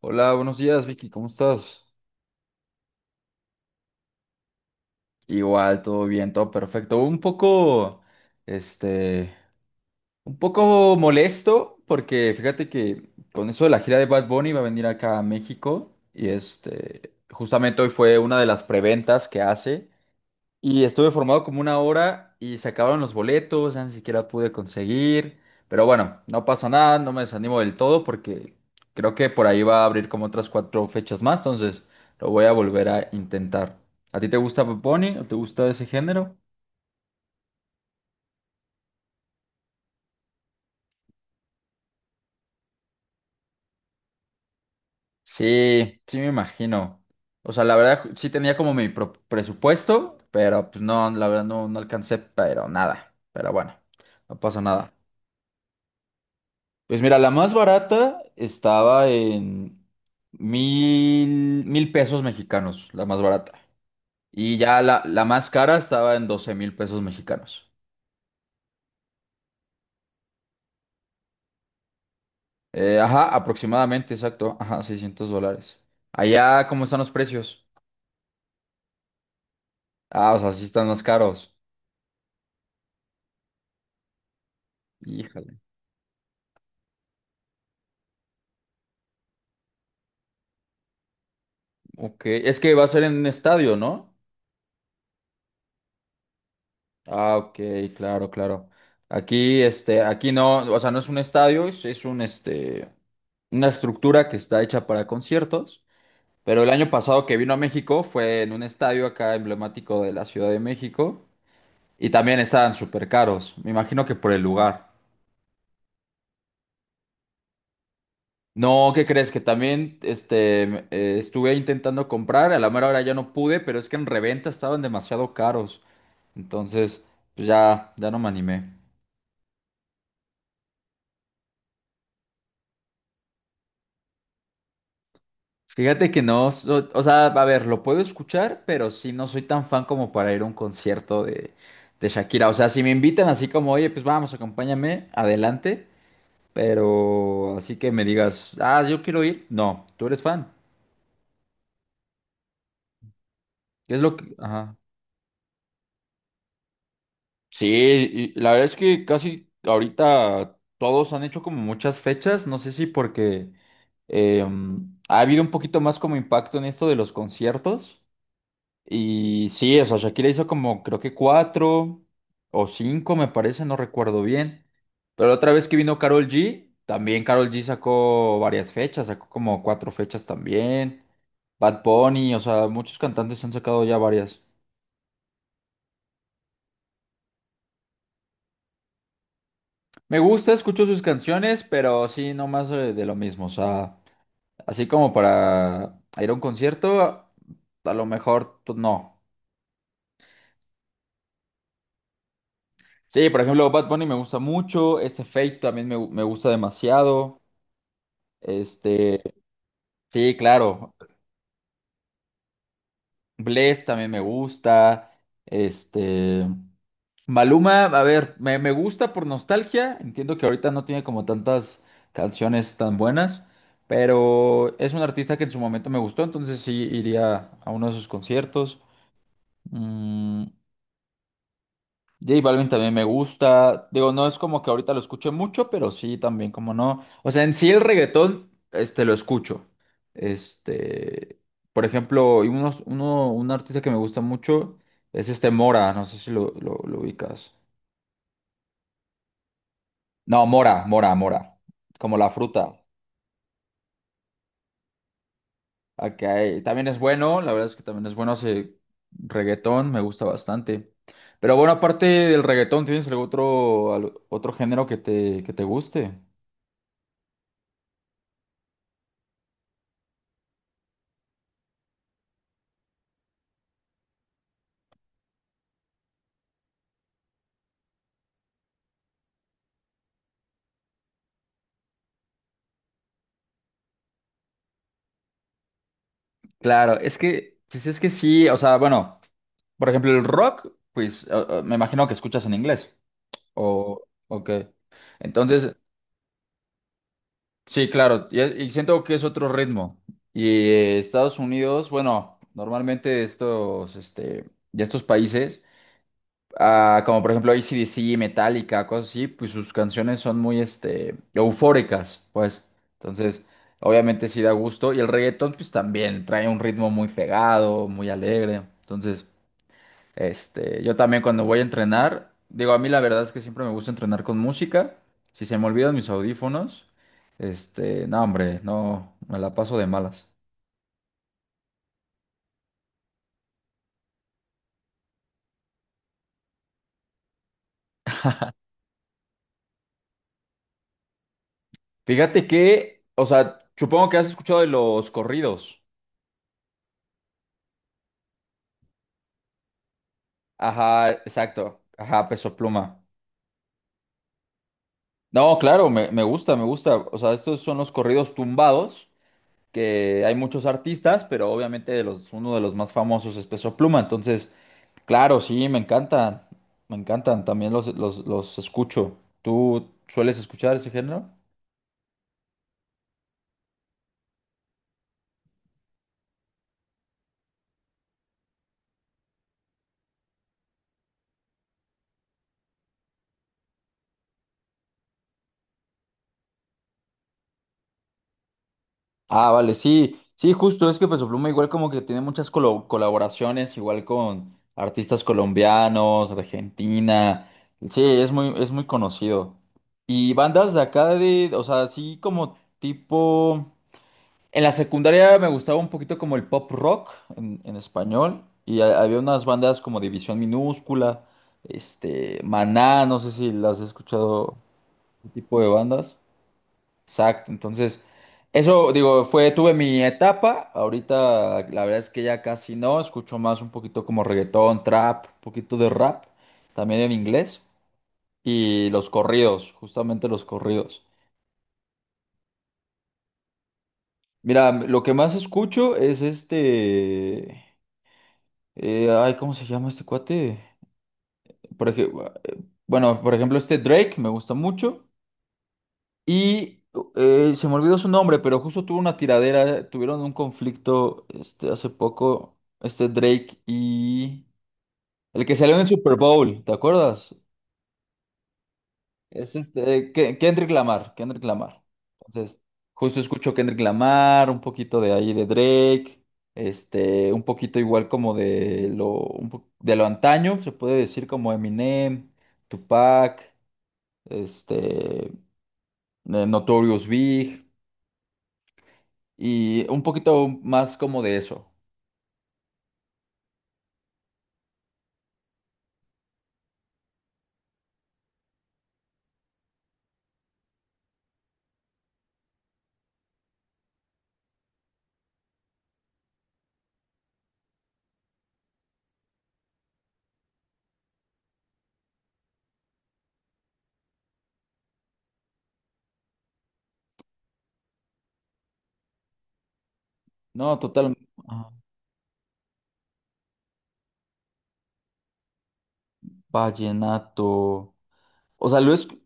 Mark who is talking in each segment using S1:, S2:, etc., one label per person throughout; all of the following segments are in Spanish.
S1: Hola, buenos días, Vicky, ¿cómo estás? Igual, todo bien, todo perfecto. Un poco, este, un poco molesto porque fíjate que con eso de la gira de Bad Bunny va a venir acá a México y justamente hoy fue una de las preventas que hace. Y estuve formado como una hora y se acabaron los boletos, ya ni siquiera pude conseguir. Pero bueno, no pasa nada, no me desanimo del todo porque creo que por ahí va a abrir como otras cuatro fechas más, entonces lo voy a volver a intentar. ¿A ti te gusta Bad Bunny o te gusta ese género? Sí, sí me imagino. O sea, la verdad sí tenía como mi presupuesto, pero pues no, la verdad no, no alcancé, pero nada. Pero bueno, no pasa nada. Pues mira, la más barata estaba en mil pesos mexicanos, la más barata. Y ya la más cara estaba en 12 mil pesos mexicanos. Ajá, aproximadamente, exacto. Ajá, 600 dólares. Allá, ¿cómo están los precios? Ah, o sea, sí están más caros. Híjole. Ok, es que va a ser en un estadio, ¿no? Ah, ok, claro, claro. Aquí, aquí no, o sea, no es un estadio, es un, una estructura que está hecha para conciertos. Pero el año pasado que vino a México fue en un estadio acá emblemático de la Ciudad de México y también estaban súper caros, me imagino que por el lugar. No, ¿qué crees? Que también estuve intentando comprar, a la mera hora ya no pude, pero es que en reventa estaban demasiado caros. Entonces, pues ya, ya no me animé. Fíjate que no, o sea, a ver, lo puedo escuchar, pero sí no soy tan fan como para ir a un concierto de Shakira. O sea, si me invitan así como, oye, pues vamos, acompáñame, adelante. Pero así que me digas, ah, yo quiero ir. No, tú eres fan. ¿Qué es lo que...? Ajá. Sí, y la verdad es que casi ahorita todos han hecho como muchas fechas. No sé si porque eh, ha habido un poquito más como impacto en esto de los conciertos. Y sí, o sea, Shakira hizo como creo que cuatro o cinco, me parece, no recuerdo bien. Pero la otra vez que vino Karol G, también Karol G sacó varias fechas, sacó como cuatro fechas también. Bad Bunny, o sea, muchos cantantes han sacado ya varias. Me gusta, escucho sus canciones, pero sí, no más lo mismo. O sea, así como para ir a un concierto, a lo mejor pues, no. Sí, por ejemplo, Bad Bunny me gusta mucho, ese Fate también me gusta demasiado. Este, sí, claro. Bless también me gusta. Este, Maluma, a ver, me gusta por nostalgia. Entiendo que ahorita no tiene como tantas canciones tan buenas, pero es un artista que en su momento me gustó, entonces sí iría a uno de sus conciertos. Mm, J Balvin también me gusta. Digo, no es como que ahorita lo escuche mucho, pero sí también, como no. O sea, en sí el reggaetón, lo escucho. Este, por ejemplo, y un artista que me gusta mucho es este Mora, no sé si lo ubicas. No, Mora. Como la fruta. Ok, también es bueno, la verdad es que también es bueno hace reggaetón, me gusta bastante. Pero bueno, aparte del reggaetón, ¿tienes algún otro género que que te guste? Claro, es que, pues es que sí, o sea, bueno, por ejemplo, el rock, pues o me imagino que escuchas en inglés, o, o qué. Entonces, sí, claro, y siento que es otro ritmo. Y Estados Unidos, bueno, normalmente de estos países, ah, como por ejemplo A C/D C AC/DC, Metallica, cosas así, pues sus canciones son muy, eufóricas, pues. Entonces, obviamente sí da gusto. Y el reggaetón, pues también trae un ritmo muy pegado, muy alegre. Entonces... yo también cuando voy a entrenar, digo, a mí la verdad es que siempre me gusta entrenar con música. Si se me olvidan mis audífonos, no, hombre, no, me la paso de malas. Fíjate que, o sea, supongo que has escuchado de los corridos. Ajá, exacto. Ajá, Peso Pluma. No, claro, me gusta, me gusta. O sea, estos son los corridos tumbados, que hay muchos artistas, pero obviamente de los, uno de los más famosos es Peso Pluma. Entonces, claro, sí, me encantan. Me encantan, también los escucho. ¿Tú sueles escuchar ese género? Ah, vale, sí, sí, justo, es que Peso Pluma igual como que tiene muchas colaboraciones, igual con artistas colombianos, Argentina. Sí, es muy conocido. Y bandas de acá de, o sea, así como tipo. En la secundaria me gustaba un poquito como el pop rock en español y había unas bandas como División Minúscula, Maná, no sé si las has escuchado, ese tipo de bandas. Exacto, entonces eso digo, fue, tuve mi etapa, ahorita la verdad es que ya casi no, escucho más un poquito como reggaetón, trap, un poquito de rap, también en inglés y los corridos, justamente los corridos. Mira, lo que más escucho es este. Ay, ¿cómo se llama este cuate? Por ejemplo, bueno, por ejemplo, este Drake me gusta mucho. Y se me olvidó su nombre, pero justo tuvo una tiradera, tuvieron un conflicto hace poco, este Drake y el que salió en el Super Bowl, ¿te acuerdas? Es Kendrick Lamar, Kendrick Lamar. Entonces, justo escucho Kendrick Lamar, un poquito de ahí de Drake, un poquito igual como de lo, de lo antaño, se puede decir como Eminem, Tupac, este, Notorious Big, y un poquito más como de eso. No, total, ah, vallenato. O sea,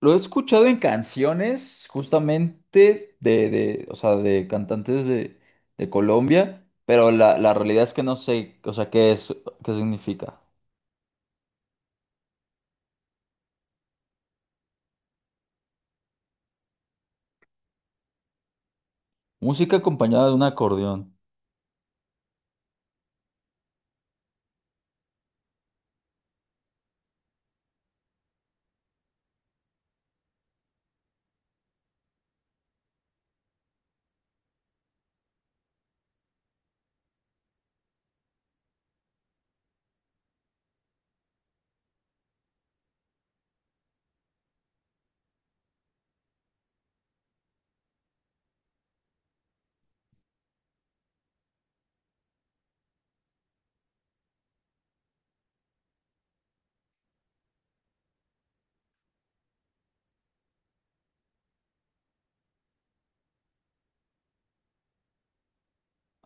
S1: lo he escuchado en canciones justamente de, o sea, de cantantes de Colombia, pero la realidad es que no sé, o sea, qué es, qué significa. Música acompañada de un acordeón.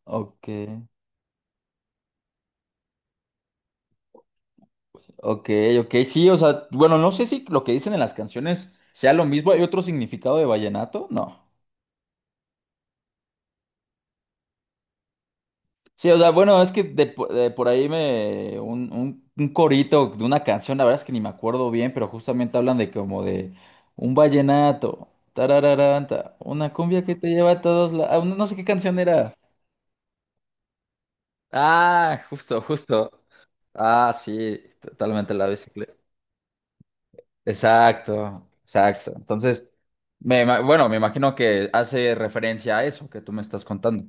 S1: Ok, ok, ok, sí, o sea, bueno, no sé si lo que dicen en las canciones sea lo mismo. ¿Hay otro significado de vallenato? No. Sí, o sea, bueno, es que de, de por ahí me un corito de una canción, la verdad es que ni me acuerdo bien, pero justamente hablan de como de un vallenato, tarararanta, una cumbia que te lleva a todos ah, no sé qué canción era. Ah, justo, justo. Ah, sí, totalmente la bicicleta. Exacto, exacto. Entonces, bueno, me imagino que hace referencia a eso que tú me estás contando.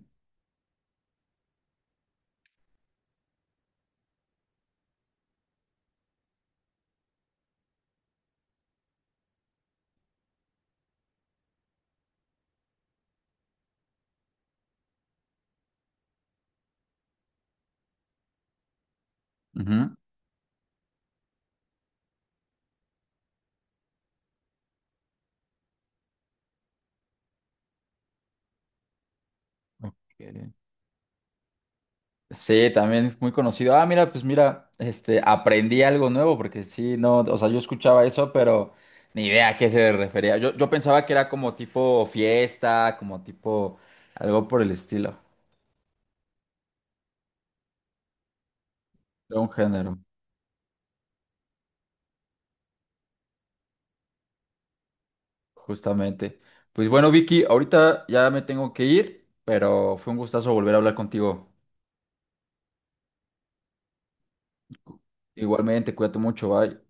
S1: Ujú. Ok. Sí, también es muy conocido. Ah, mira, pues mira, aprendí algo nuevo porque sí, no, o sea, yo escuchaba eso, pero ni idea a qué se refería. Yo pensaba que era como tipo fiesta, como tipo algo por el estilo, de un género, justamente. Pues bueno, Vicky, ahorita ya me tengo que ir, pero fue un gustazo volver a hablar contigo. Igualmente, cuídate mucho, bye.